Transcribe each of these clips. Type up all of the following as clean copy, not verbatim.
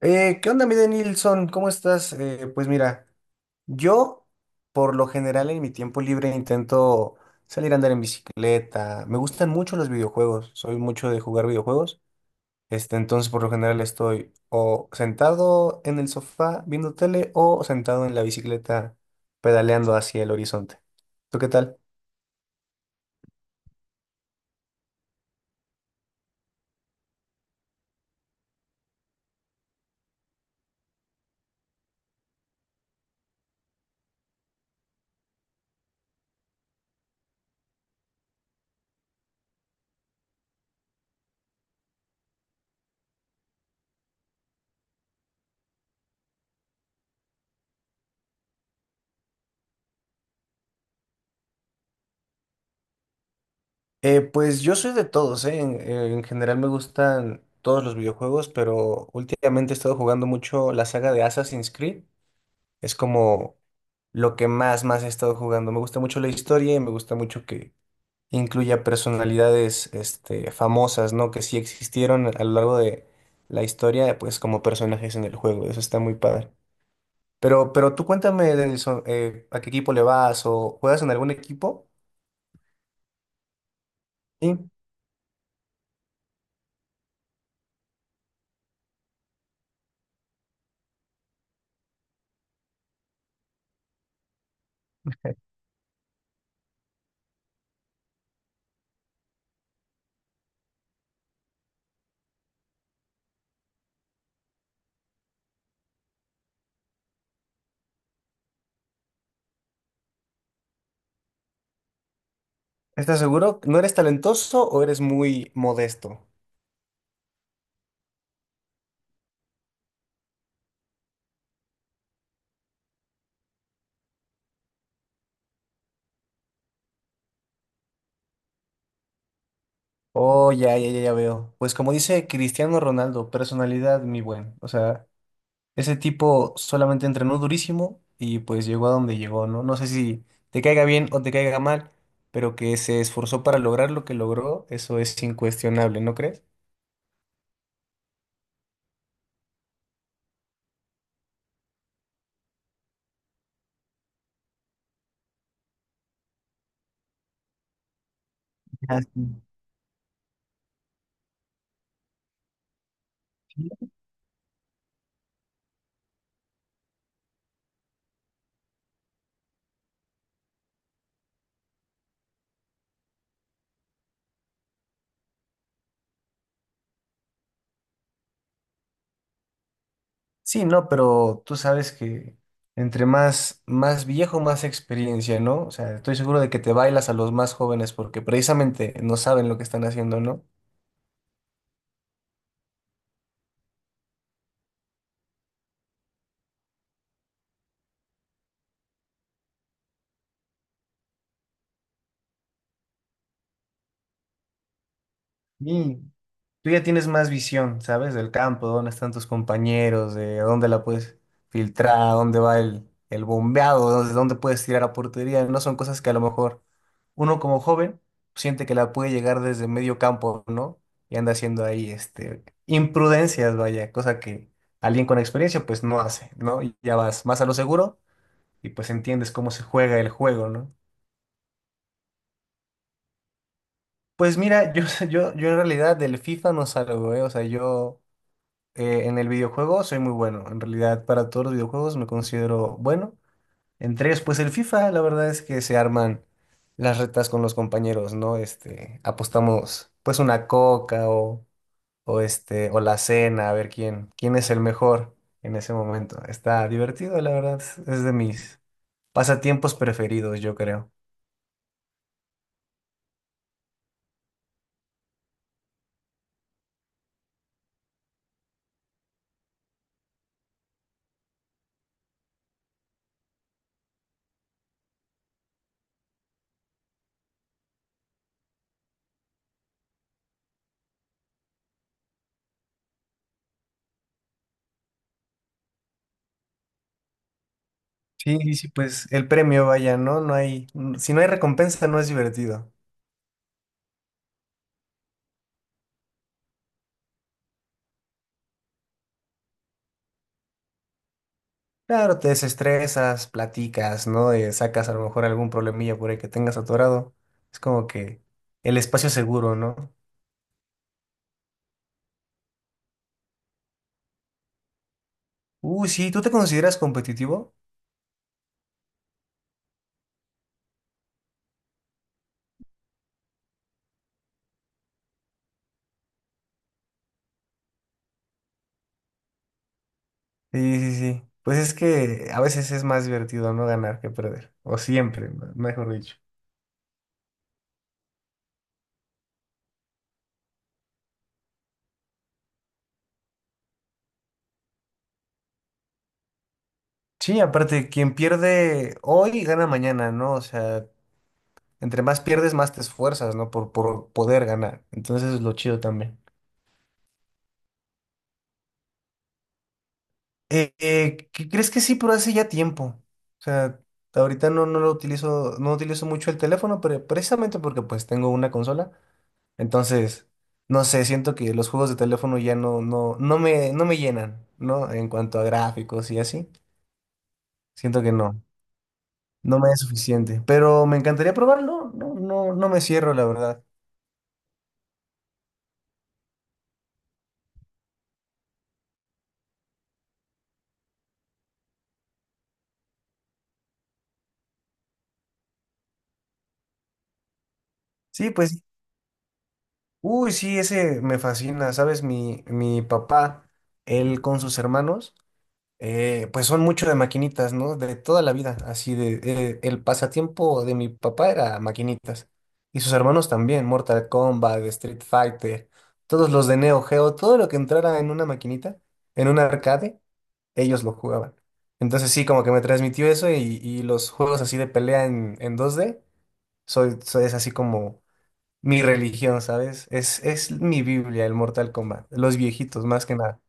¿Qué onda, mi Nilsson? ¿Cómo estás? Pues mira, yo por lo general en mi tiempo libre intento salir a andar en bicicleta. Me gustan mucho los videojuegos, soy mucho de jugar videojuegos. Entonces por lo general estoy o sentado en el sofá viendo tele o sentado en la bicicleta pedaleando hacia el horizonte. ¿Tú qué tal? Pues yo soy de todos, ¿eh? En general me gustan todos los videojuegos, pero últimamente he estado jugando mucho la saga de Assassin's Creed. Es como lo que más he estado jugando. Me gusta mucho la historia y me gusta mucho que incluya personalidades, famosas, ¿no? Que sí existieron a lo largo de la historia, pues como personajes en el juego. Eso está muy padre. Pero tú cuéntame, Denilson, ¿a qué equipo le vas o juegas en algún equipo? Sí. ¿Estás seguro? ¿No eres talentoso o eres muy modesto? Oh, ya veo. Pues como dice Cristiano Ronaldo, personalidad, mi buen. O sea, ese tipo solamente entrenó durísimo y pues llegó a donde llegó, ¿no? No sé si te caiga bien o te caiga mal, pero que se esforzó para lograr lo que logró, eso es incuestionable, ¿no crees? Ah, sí. Sí, no, pero tú sabes que entre más viejo, más experiencia, ¿no? O sea, estoy seguro de que te bailas a los más jóvenes porque precisamente no saben lo que están haciendo, ¿no? Sí. Tú ya tienes más visión, ¿sabes? Del campo, dónde están tus compañeros, de dónde la puedes filtrar, dónde va el bombeado, dónde puedes tirar a portería. No son cosas que a lo mejor uno como joven siente que la puede llegar desde medio campo, ¿no? Y anda haciendo ahí imprudencias, vaya, cosa que alguien con experiencia pues no hace, ¿no? Y ya vas más a lo seguro y pues entiendes cómo se juega el juego, ¿no? Pues mira, yo, yo en realidad del FIFA no salgo, ¿eh? O sea, yo... En el videojuego soy muy bueno. En realidad, para todos los videojuegos me considero bueno. Entre ellos, pues el FIFA, la verdad es que se arman las retas con los compañeros, ¿no? Apostamos pues una coca o o la cena, a ver quién es el mejor en ese momento. Está divertido, la verdad. Es de mis pasatiempos preferidos, yo creo. Sí, pues el premio, vaya, ¿no? No hay, si no hay recompensa, no es divertido. Claro, te desestresas, platicas, ¿no? Sacas a lo mejor algún problemilla por ahí que tengas atorado. Es como que el espacio seguro, ¿no? Uy, sí, ¿tú te consideras competitivo? Sí. Pues es que a veces es más divertido no ganar que perder. O siempre, mejor dicho. Sí, aparte, quien pierde hoy gana mañana, ¿no? O sea, entre más pierdes, más te esfuerzas, ¿no? Por poder ganar. Entonces es lo chido también. ¿Qué crees que sí? Pero hace ya tiempo. O sea, ahorita no lo utilizo, no utilizo mucho el teléfono, pero precisamente porque pues tengo una consola. Entonces, no sé, siento que los juegos de teléfono ya no me llenan, ¿no? En cuanto a gráficos y así. Siento que no, no me es suficiente. Pero me encantaría probarlo. No me cierro, la verdad. Sí, pues, uy, sí, ese me fascina. ¿Sabes? Mi papá, él con sus hermanos. Pues son mucho de maquinitas, ¿no? De toda la vida, así de... el pasatiempo de mi papá era maquinitas. Y sus hermanos también, Mortal Kombat, Street Fighter, todos los de Neo Geo, todo lo que entrara en una maquinita, en un arcade, ellos lo jugaban. Entonces sí, como que me transmitió eso y los juegos así de pelea en dos d es así como mi religión, ¿sabes? Es mi Biblia, el Mortal Kombat, los viejitos más que nada.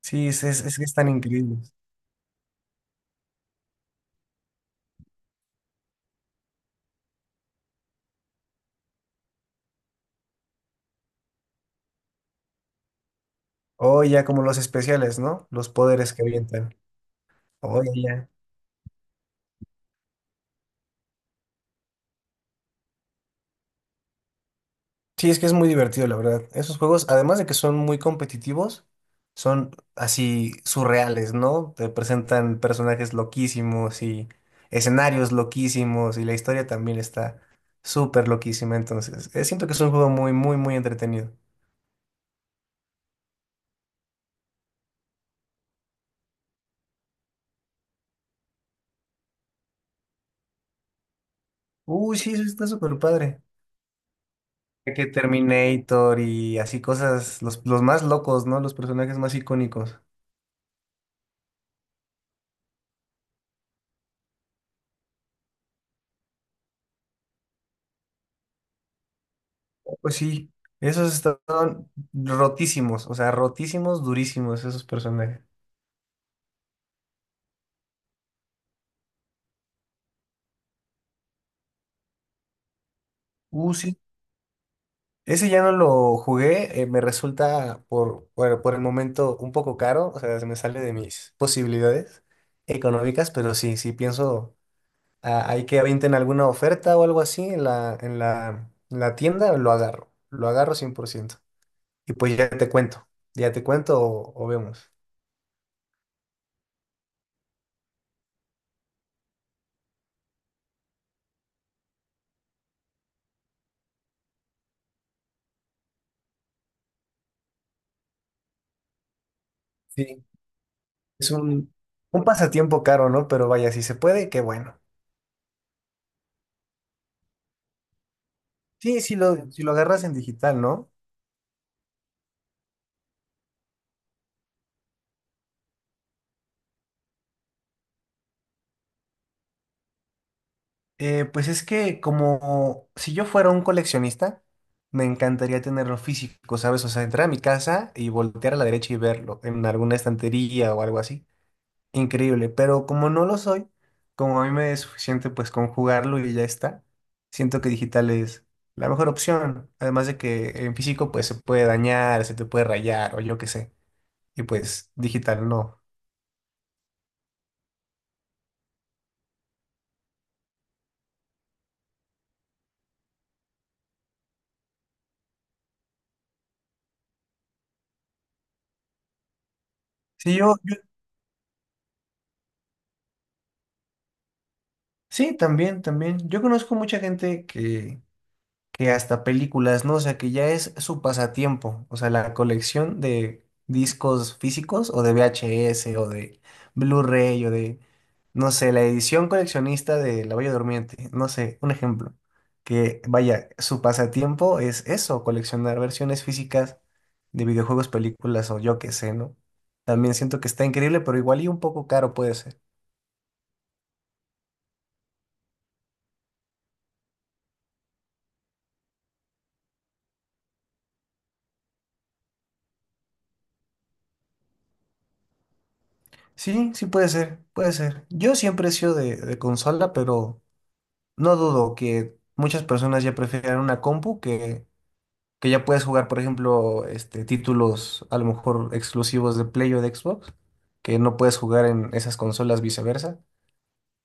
Es que están increíbles. O ya como los especiales, ¿no? Los poderes que avientan. Oh, ya. Sí, es que es muy divertido, la verdad. Esos juegos, además de que son muy competitivos, son así surreales, ¿no? Te presentan personajes loquísimos y escenarios loquísimos y la historia también está súper loquísima. Entonces, siento que es un juego muy, muy, muy entretenido. Uy, sí, eso está súper padre. Que Terminator y así cosas, los más locos, ¿no? Los personajes más icónicos. Pues sí, esos estaban rotísimos, o sea, rotísimos, durísimos esos personajes. Sí. Ese ya no lo jugué, me resulta por el momento un poco caro, o sea, se me sale de mis posibilidades económicas, pero sí, sí pienso, ah, hay que avienten alguna oferta o algo así en en la tienda, lo agarro 100%. Y pues ya te cuento o vemos. Sí, es un pasatiempo caro, ¿no? Pero vaya, si se puede, qué bueno. Sí, si lo agarras en digital, ¿no? Pues es que como si yo fuera un coleccionista, me encantaría tenerlo físico, ¿sabes? O sea, entrar a mi casa y voltear a la derecha y verlo en alguna estantería o algo así. Increíble, pero como no lo soy, como a mí me es suficiente pues con jugarlo y ya está, siento que digital es la mejor opción. Además de que en físico pues se puede dañar, se te puede rayar o yo qué sé. Y pues digital no. Sí, yo, sí, también, también. Yo conozco mucha gente que hasta películas, ¿no? O sea, que ya es su pasatiempo. O sea, la colección de discos físicos o de VHS o de Blu-ray o de, no sé, la edición coleccionista de La Bella Durmiente. No sé, un ejemplo. Que vaya, su pasatiempo es eso, coleccionar versiones físicas de videojuegos, películas o yo qué sé, ¿no? También siento que está increíble, pero igual y un poco caro puede ser. Puede ser. Yo siempre he sido de consola, pero no dudo que muchas personas ya prefieren una compu que ya puedes jugar, por ejemplo, títulos a lo mejor exclusivos de Play o de Xbox, que no puedes jugar en esas consolas viceversa,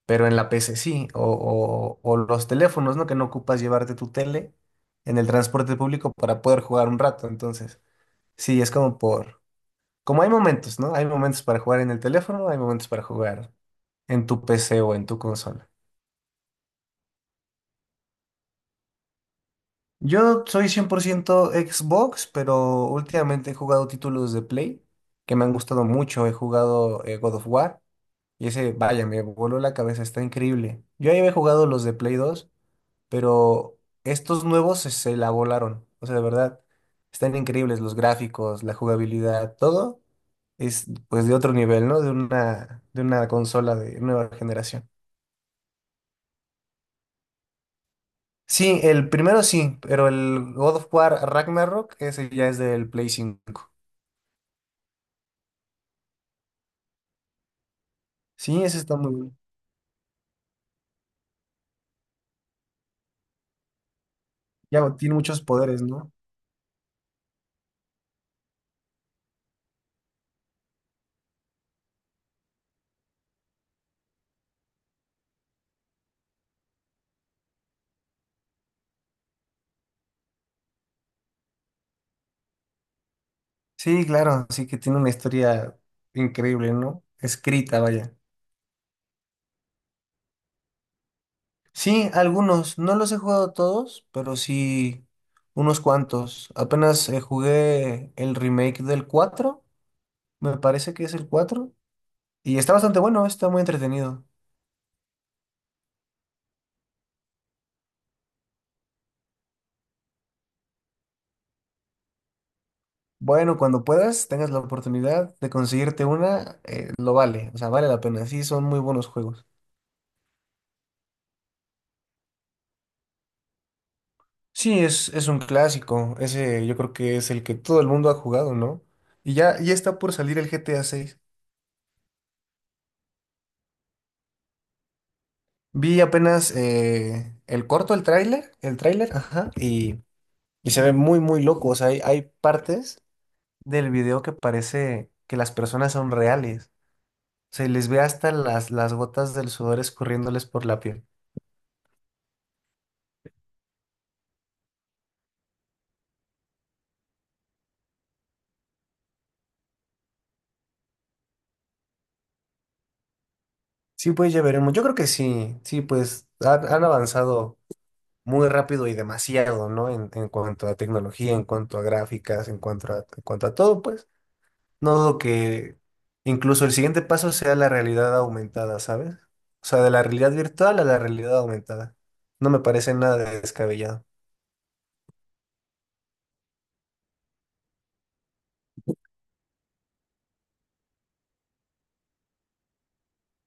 pero en la PC sí, o los teléfonos, ¿no? Que no ocupas llevarte tu tele en el transporte público para poder jugar un rato. Entonces, sí, es como hay momentos, ¿no? Hay momentos para jugar en el teléfono, hay momentos para jugar en tu PC o en tu consola. Yo soy 100% Xbox, pero últimamente he jugado títulos de Play que me han gustado mucho. He jugado God of War y ese, vaya, me voló la cabeza, está increíble. Yo ahí había jugado los de Play dos, pero estos nuevos se la volaron. O sea, de verdad, están increíbles los gráficos, la jugabilidad, todo es pues de otro nivel, ¿no? De de una consola de nueva generación. Sí, el primero sí, pero el God of War Ragnarok, ese ya es del Play 5. Sí, ese está muy bien. Ya tiene muchos poderes, ¿no? Sí, claro, sí que tiene una historia increíble, ¿no? Escrita, vaya. Sí, algunos. No los he jugado todos, pero sí unos cuantos. Apenas jugué el remake del 4. Me parece que es el 4 y está bastante bueno, está muy entretenido. Bueno, cuando puedas, tengas la oportunidad de conseguirte una, lo vale, o sea, vale la pena. Sí, son muy buenos juegos. Es un clásico. Ese yo creo que es el que todo el mundo ha jugado, ¿no? Y ya está por salir el GTA seis. Vi apenas el corto, el tráiler, ajá, y se ve muy, muy loco. O sea, hay partes del video que parece que las personas son reales. O sea, les ve hasta las gotas del sudor escurriéndoles por la piel. Sí, pues ya veremos. Yo creo que sí, sí, pues han avanzado muy rápido y demasiado, ¿no? En cuanto a tecnología, en cuanto a gráficas, en cuanto a todo, pues. No dudo que incluso el siguiente paso sea la realidad aumentada, ¿sabes? O sea, de la realidad virtual a la realidad aumentada. No me parece nada descabellado.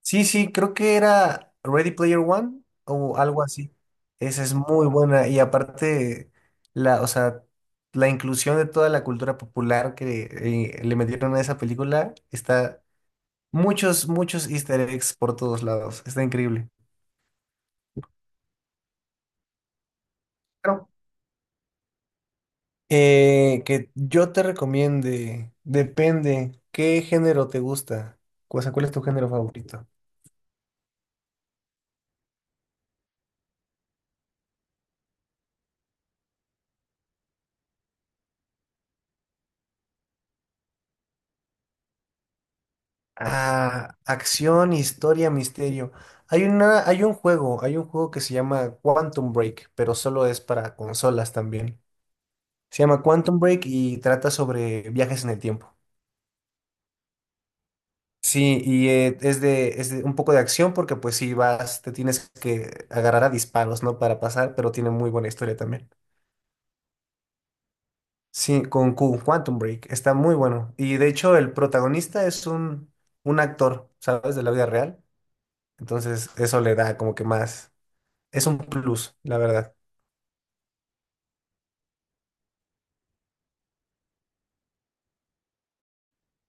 Sí, creo que era Ready Player One o algo así. Esa es muy buena y aparte o sea, la inclusión de toda la cultura popular que le metieron a esa película está muchos, muchos easter eggs por todos lados. Está increíble. Claro. Que yo te recomiende, depende, ¿qué género te gusta? O sea, ¿cuál es tu género favorito? Ah, acción, historia, misterio. Hay un juego que se llama Quantum Break, pero solo es para consolas también. Se llama Quantum Break y trata sobre viajes en el tiempo. Sí, y es de un poco de acción porque pues si vas, te tienes que agarrar a disparos, ¿no? Para pasar, pero tiene muy buena historia también. Sí, con Q, Quantum Break, está muy bueno. Y de hecho el protagonista es un actor, ¿sabes? De la vida real. Entonces eso le da como que más es un plus, la verdad.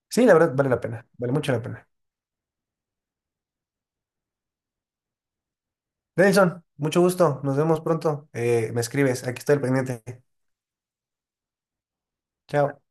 Sí, la verdad vale la pena, vale mucho la pena. Nelson, mucho gusto, nos vemos pronto. Me escribes, aquí estoy al pendiente. Chao.